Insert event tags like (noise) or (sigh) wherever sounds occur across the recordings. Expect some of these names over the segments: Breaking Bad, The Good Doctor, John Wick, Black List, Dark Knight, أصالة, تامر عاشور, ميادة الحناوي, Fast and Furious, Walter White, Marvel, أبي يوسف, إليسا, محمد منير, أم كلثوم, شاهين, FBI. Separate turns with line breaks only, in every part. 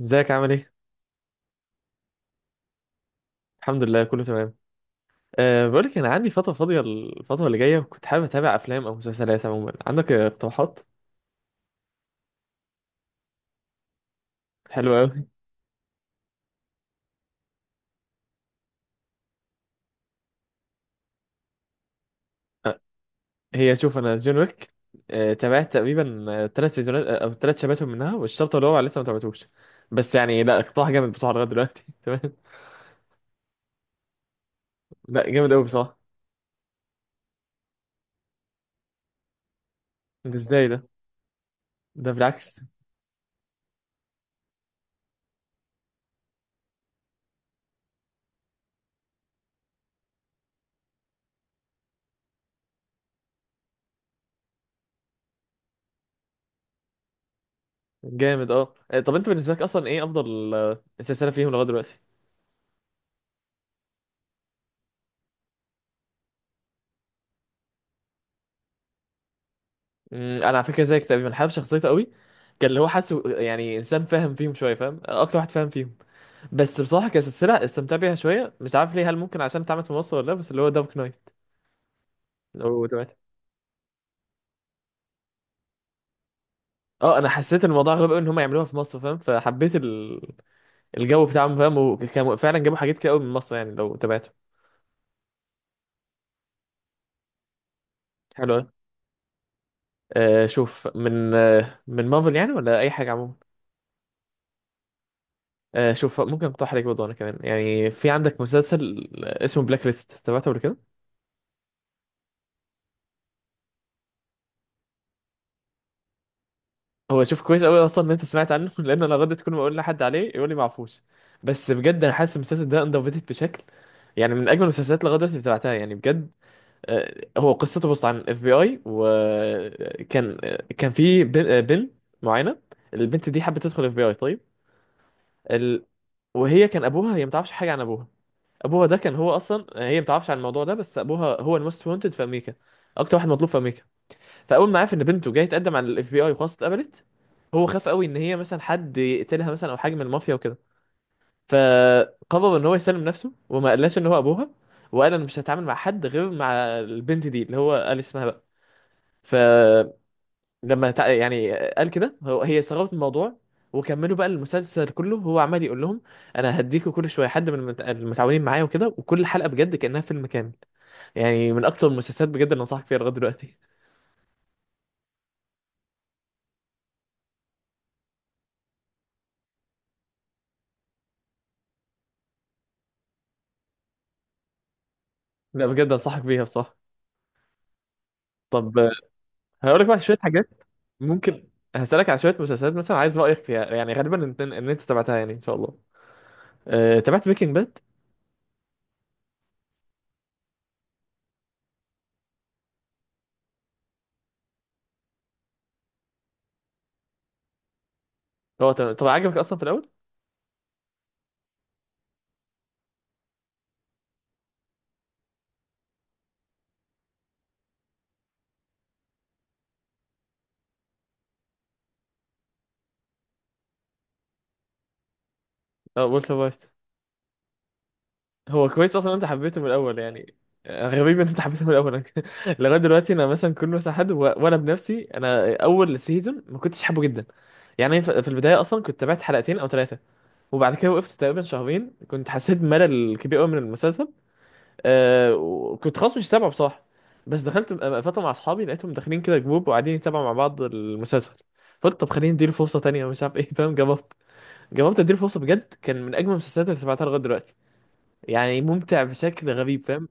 ازيك عامل ايه؟ الحمد لله كله تمام. بقولك انا عندي فترة فاضية الفترة اللي جاية وكنت حابب اتابع افلام او مسلسلات عموما، عندك اقتراحات؟ حلوة اوي. (laughs) أه هي شوف، انا جون ويك تابعت تقريبا ثلاث سيزونات، او ثلاث شباتهم منها، والشابتر اللي هو لسه ما تابعتوش. بس يعني لا، اقتراح جامد بصراحة لغاية دلوقتي. (laughs) تمام. لا جامد اوي بصراحة. ده ازاي ده؟ ده بالعكس. جامد اه، طب انت بالنسبة لك اصلا ايه افضل سلسلة فيهم لغاية دلوقتي؟ مم، انا على فكره زيك تقريبا، حابب شخصيته قوي. كان اللي هو حاسه يعني انسان فاهم فيهم شويه، فاهم اكتر واحد فاهم فيهم. بس بصراحه كسلسله استمتع بيها شويه، مش عارف ليه، هل ممكن عشان اتعملت في مصر ولا لا، بس اللي هو دارك نايت. لو تمام، اه انا حسيت الموضوع غريب قوي ان هم يعملوها في مصر فاهم، فحبيت الجو بتاعهم فاهم، وكانوا فعلا جابوا حاجات كتير قوي من مصر يعني لو تابعته. حلو قوي. آه شوف، من آه من مارفل يعني ولا اي حاجه عموما. آه شوف، ممكن اقترح عليك برضه انا كمان يعني، في عندك مسلسل اسمه بلاك ليست، تابعته قبل كده؟ هو شوف، كويس قوي اصلا ان انت سمعت عنه (laughs) لان انا غدت كل ما اقول لحد عليه يقول لي معفوش. بس بجد انا حاسس المسلسل ده اندر بشكل، يعني من اجمل المسلسلات لغايه دلوقتي اللي تابعتها يعني بجد. هو قصته بص، عن اف بي اي، وكان كان في بنت معينه، البنت دي حبت تدخل اف بي اي، طيب ال... وهي كان ابوها، هي ما تعرفش حاجه عن ابوها. ابوها ده كان هو اصلا، هي ما تعرفش عن الموضوع ده، بس ابوها هو الموست وانتد في امريكا، اكتر واحد مطلوب في امريكا. فاول ما عرف ان بنته جايه تقدم على الاف بي اي وخلاص اتقبلت، هو خاف قوي ان هي مثلا حد يقتلها مثلا او حاجه من المافيا وكده. فقرر ان هو يسلم نفسه وما قالهاش ان هو ابوها، وقال انا مش هتعامل مع حد غير مع البنت دي اللي هو قال اسمها بقى. فلما يعني قال كده، هو هي استغربت من الموضوع. وكملوا بقى المسلسل كله هو عمال يقول لهم انا هديكوا كل شويه حد من المتعاونين معايا وكده، وكل حلقه بجد كانها فيلم كامل. يعني من اكتر المسلسلات بجد اللي انصحك فيها لغايه دلوقتي. (laughs) لا بجد انصحك بيها بصراحه. طب هقول لك بقى شويه حاجات، ممكن هسألك على شويه مسلسلات مثلا، عايز رأيك فيها يعني، غالبا انت ان انت تابعتها يعني ان شاء الله. تابعت بريكنج باد؟ هو تمام، طب عجبك اصلا في الاول؟ اه والتر وايت. هو كويس اصلا إن انت حبيته من الاول يعني. غريب ان انت حبيته من الاول. (laughs) لغايه دلوقتي انا مثلا كل مثلا حد وانا بنفسي انا اول سيزون ما كنتش حابه جدا، يعني في في البدايه اصلا كنت تابعت حلقتين او ثلاثه، وبعد كده وقفت تقريبا شهرين، كنت حسيت بملل كبير قوي من المسلسل. وكنت خلاص مش سامعه بصراحه، بس دخلت فتره مع اصحابي لقيتهم داخلين كده جروب وقاعدين يتابعوا مع بعض المسلسل. فقلت طب خليني اديله فرصه تانية، مش عارف ايه. (laughs) فاهم، جربت اديله فرصه، بجد كان من اجمل المسلسلات اللي سمعتها لغايه دلوقتي، يعني ممتع بشكل غريب فاهم.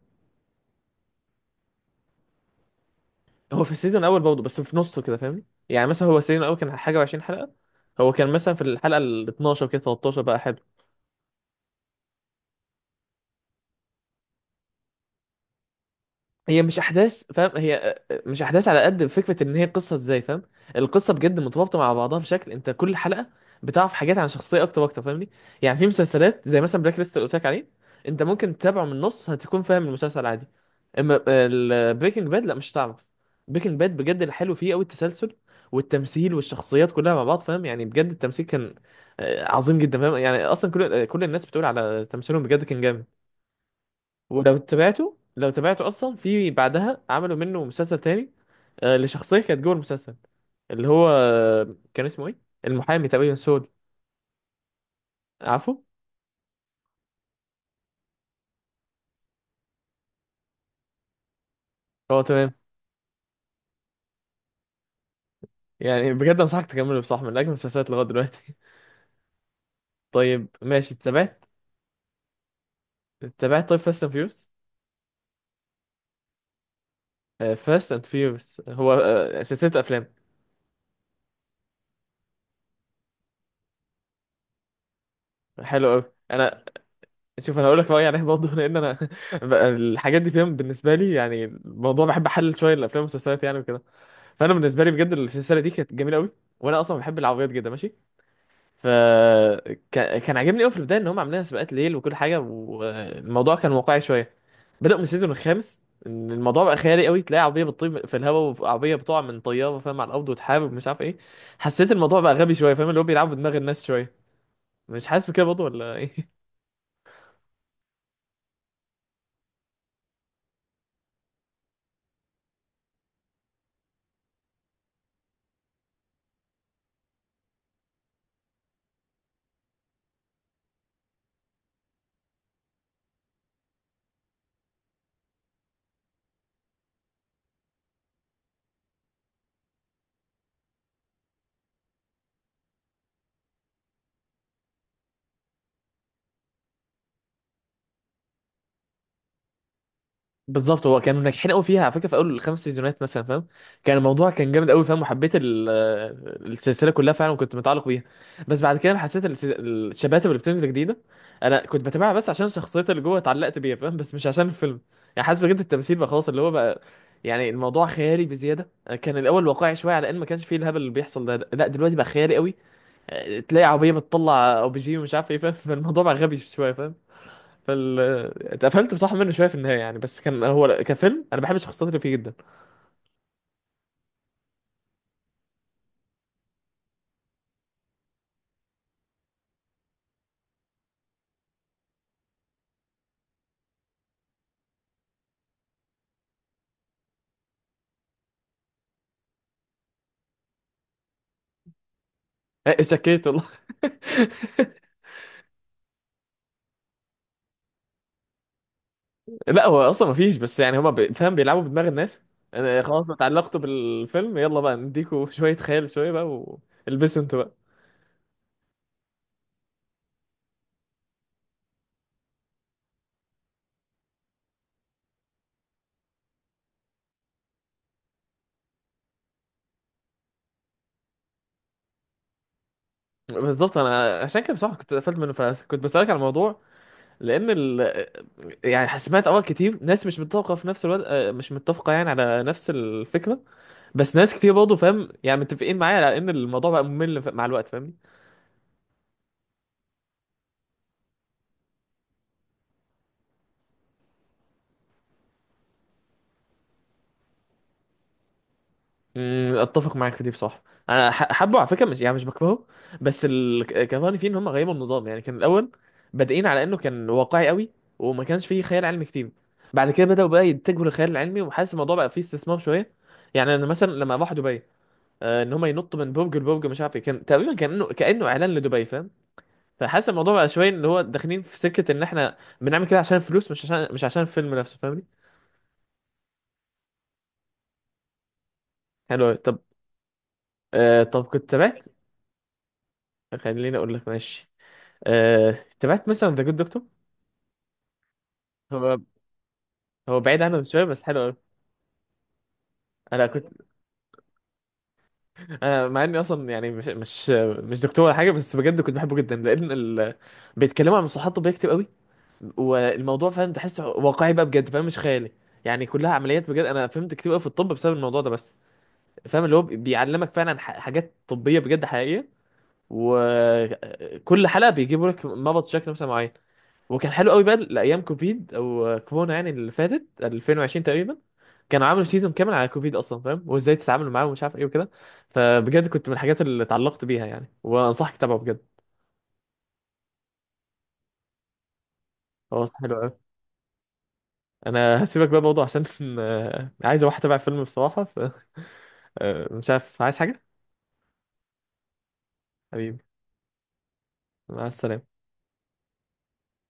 هو في السيزون الاول برضه بس في نصه كده فاهمني، يعني مثلا هو السيزون الاول كان حاجه و20 حلقه، هو كان مثلا في الحلقه ال 12 كده 13 بقى. هي مش احداث فاهم، هي مش احداث على قد فكره ان هي قصه ازاي فاهم. القصه بجد مترابطه مع بعضها بشكل، انت كل حلقه بتعرف حاجات عن شخصيه اكتر واكتر فاهمني. يعني في مسلسلات زي مثلا بلاك ليست اللي قلت لك عليه، انت ممكن تتابعه من النص هتكون فاهم المسلسل عادي، اما البريكنج باد لا، مش هتعرف. بريكنج باد بجد الحلو فيه قوي التسلسل والتمثيل والشخصيات كلها مع بعض فاهم. يعني بجد التمثيل كان عظيم جدا فاهم، يعني اصلا كل كل الناس بتقول على تمثيلهم بجد كان جامد. ولو تابعته، لو تابعته اصلا في بعدها عملوا منه مسلسل تاني، لشخصيه كانت جوه المسلسل، اللي هو كان اسمه ايه، المحامي تقريبا سود، عارفه؟ اه تمام. يعني بجد انصحك تكمله بصح، من اجمل المسلسلات لغايه دلوقتي. (laughs) طيب ماشي. تابعت، تابعت طيب فاست اند فيوس؟ فاست اند فيوس هو سلسله افلام. حلو قوي. انا شوف، انا هقول لك رايي عليه برضه، لان انا (laughs) بقى الحاجات دي فاهم بالنسبه لي، يعني الموضوع بحب احلل شويه الافلام والمسلسلات يعني وكده. فانا بالنسبه لي بجد السلسله دي كانت جميله قوي، وانا اصلا بحب العربيات جدا ماشي. فكان كان كان عاجبني قوي في البدايه ان هم عاملين سباقات ليل وكل حاجه، والموضوع كان واقعي شويه. بدأوا من السيزون الخامس ان الموضوع بقى خيالي قوي، تلاقي عربيه بتطير في الهواء وعربيه بتقع من طياره فاهم على الارض وتحارب مش عارف ايه. حسيت الموضوع بقى غبي شويه فاهم، اللي هو بيلعبوا بدماغ الناس شويه، مش حاسس بكده برضه ولا ايه؟ بالظبط. هو كانوا ناجحين قوي فيها على فكره في اول الخمس سيزونات مثلا فاهم، الموضوع كان جامد قوي فاهم، وحبيت السلسله كلها فعلا وكنت متعلق بيها. بس بعد كده أنا حسيت الشباتب اللي بتنزل جديده، انا كنت بتابعها بس عشان الشخصيات اللي جوه اتعلقت بيها فاهم، بس مش عشان الفيلم. يعني حاسس بجد التمثيل بقى خلاص، اللي هو بقى يعني الموضوع خيالي بزياده. كان الاول واقعي شويه، على ان ما كانش فيه الهبل اللي بيحصل ده، لا دلوقتي بقى خيالي قوي، تلاقي عربيه بتطلع او بيجي ومش عارف ايه فاهم. (laughs) فالموضوع بقى غبي شويه فاهم. فال اتقفلت بصراحه منه شويه في النهايه يعني، بس كان هو كفيلم انا بحب الشخصيات اللي فيه جدا. إيه، سكيت والله. (laughs) لا هو اصلا ما فيش، بس يعني هما فاهم بيلعبوا بدماغ الناس. انا خلاص اتعلقتوا بالفيلم يلا بقى نديكوا شويه خيال شويه بقى، والبسوا انتوا بقى. بالظبط. انا عشان كده بصراحه كنت اتقفلت منه، فكنت بسالك على الموضوع لان ال... آه، يعني سمعت اراء كتير، ناس مش متفقه في نفس الوقت، مش متفقه يعني على نفس الفكره، بس ناس كتير برضه فاهم يعني متفقين معايا على ان الموضوع بقى ممل مع الوقت فاهم. اتفق معاك في دي بصراحه. انا حبه على فكره، مش يعني مش بكرهه. بس كرهني فيه ان هم غيروا النظام، يعني كان الاول بادئين على انه كان واقعي قوي وما كانش فيه خيال علمي كتير، بعد كده بداوا بقى يتجهوا للخيال العلمي، وحاسس الموضوع بقى فيه استثمار شويه. يعني انا مثلا لما راح دبي، ان هم ينطوا من برج لبرج مش عارف ايه، كان تقريبا كانه اعلان لدبي فاهم. فحاسس الموضوع بقى شويه ان هو داخلين في سكه ان احنا بنعمل كده عشان فلوس، مش عشان مش عشان الفيلم نفسه فاهمني. حلو أوي. طب طب كنت تابعت، خليني اقول لك ماشي. آه، تابعت مثلا ذا جود دكتور؟ هو، هو بعيد عنه شويه بس حلو قوي. انا كنت انا مع اني اصلا يعني مش دكتور ولا حاجه، بس بجد كنت بحبه جدا لان بيتكلموا عن مصطلحات طبيه كتير قوي، والموضوع فاهم تحسه واقعي بقى بجد فاهم، مش خيالي. يعني كلها عمليات، بجد انا فهمت كتير قوي في الطب بسبب الموضوع ده بس فاهم، اللي هو بيعلمك فعلا حاجات طبيه بجد حقيقيه. وكل حلقه بيجيبوا لك مرض شكل مثلا معين، وكان حلو قوي بقى لايام كوفيد او كورونا يعني اللي فاتت 2020 تقريبا، كانوا عملوا سيزون كامل على كوفيد اصلا فاهم، وازاي تتعامل معاه ومش عارف ايه وكده. فبجد كنت من الحاجات اللي اتعلقت بيها يعني، وانصحك تتابعه بجد. هو صح حلو قوي. انا (laughs) هسيبك بقى برضه عشان (laughs) عايز اروح اتابع فيلم بصراحه، ف (laughs) مش عارف عايز حاجه. حبيبي مع السلامه.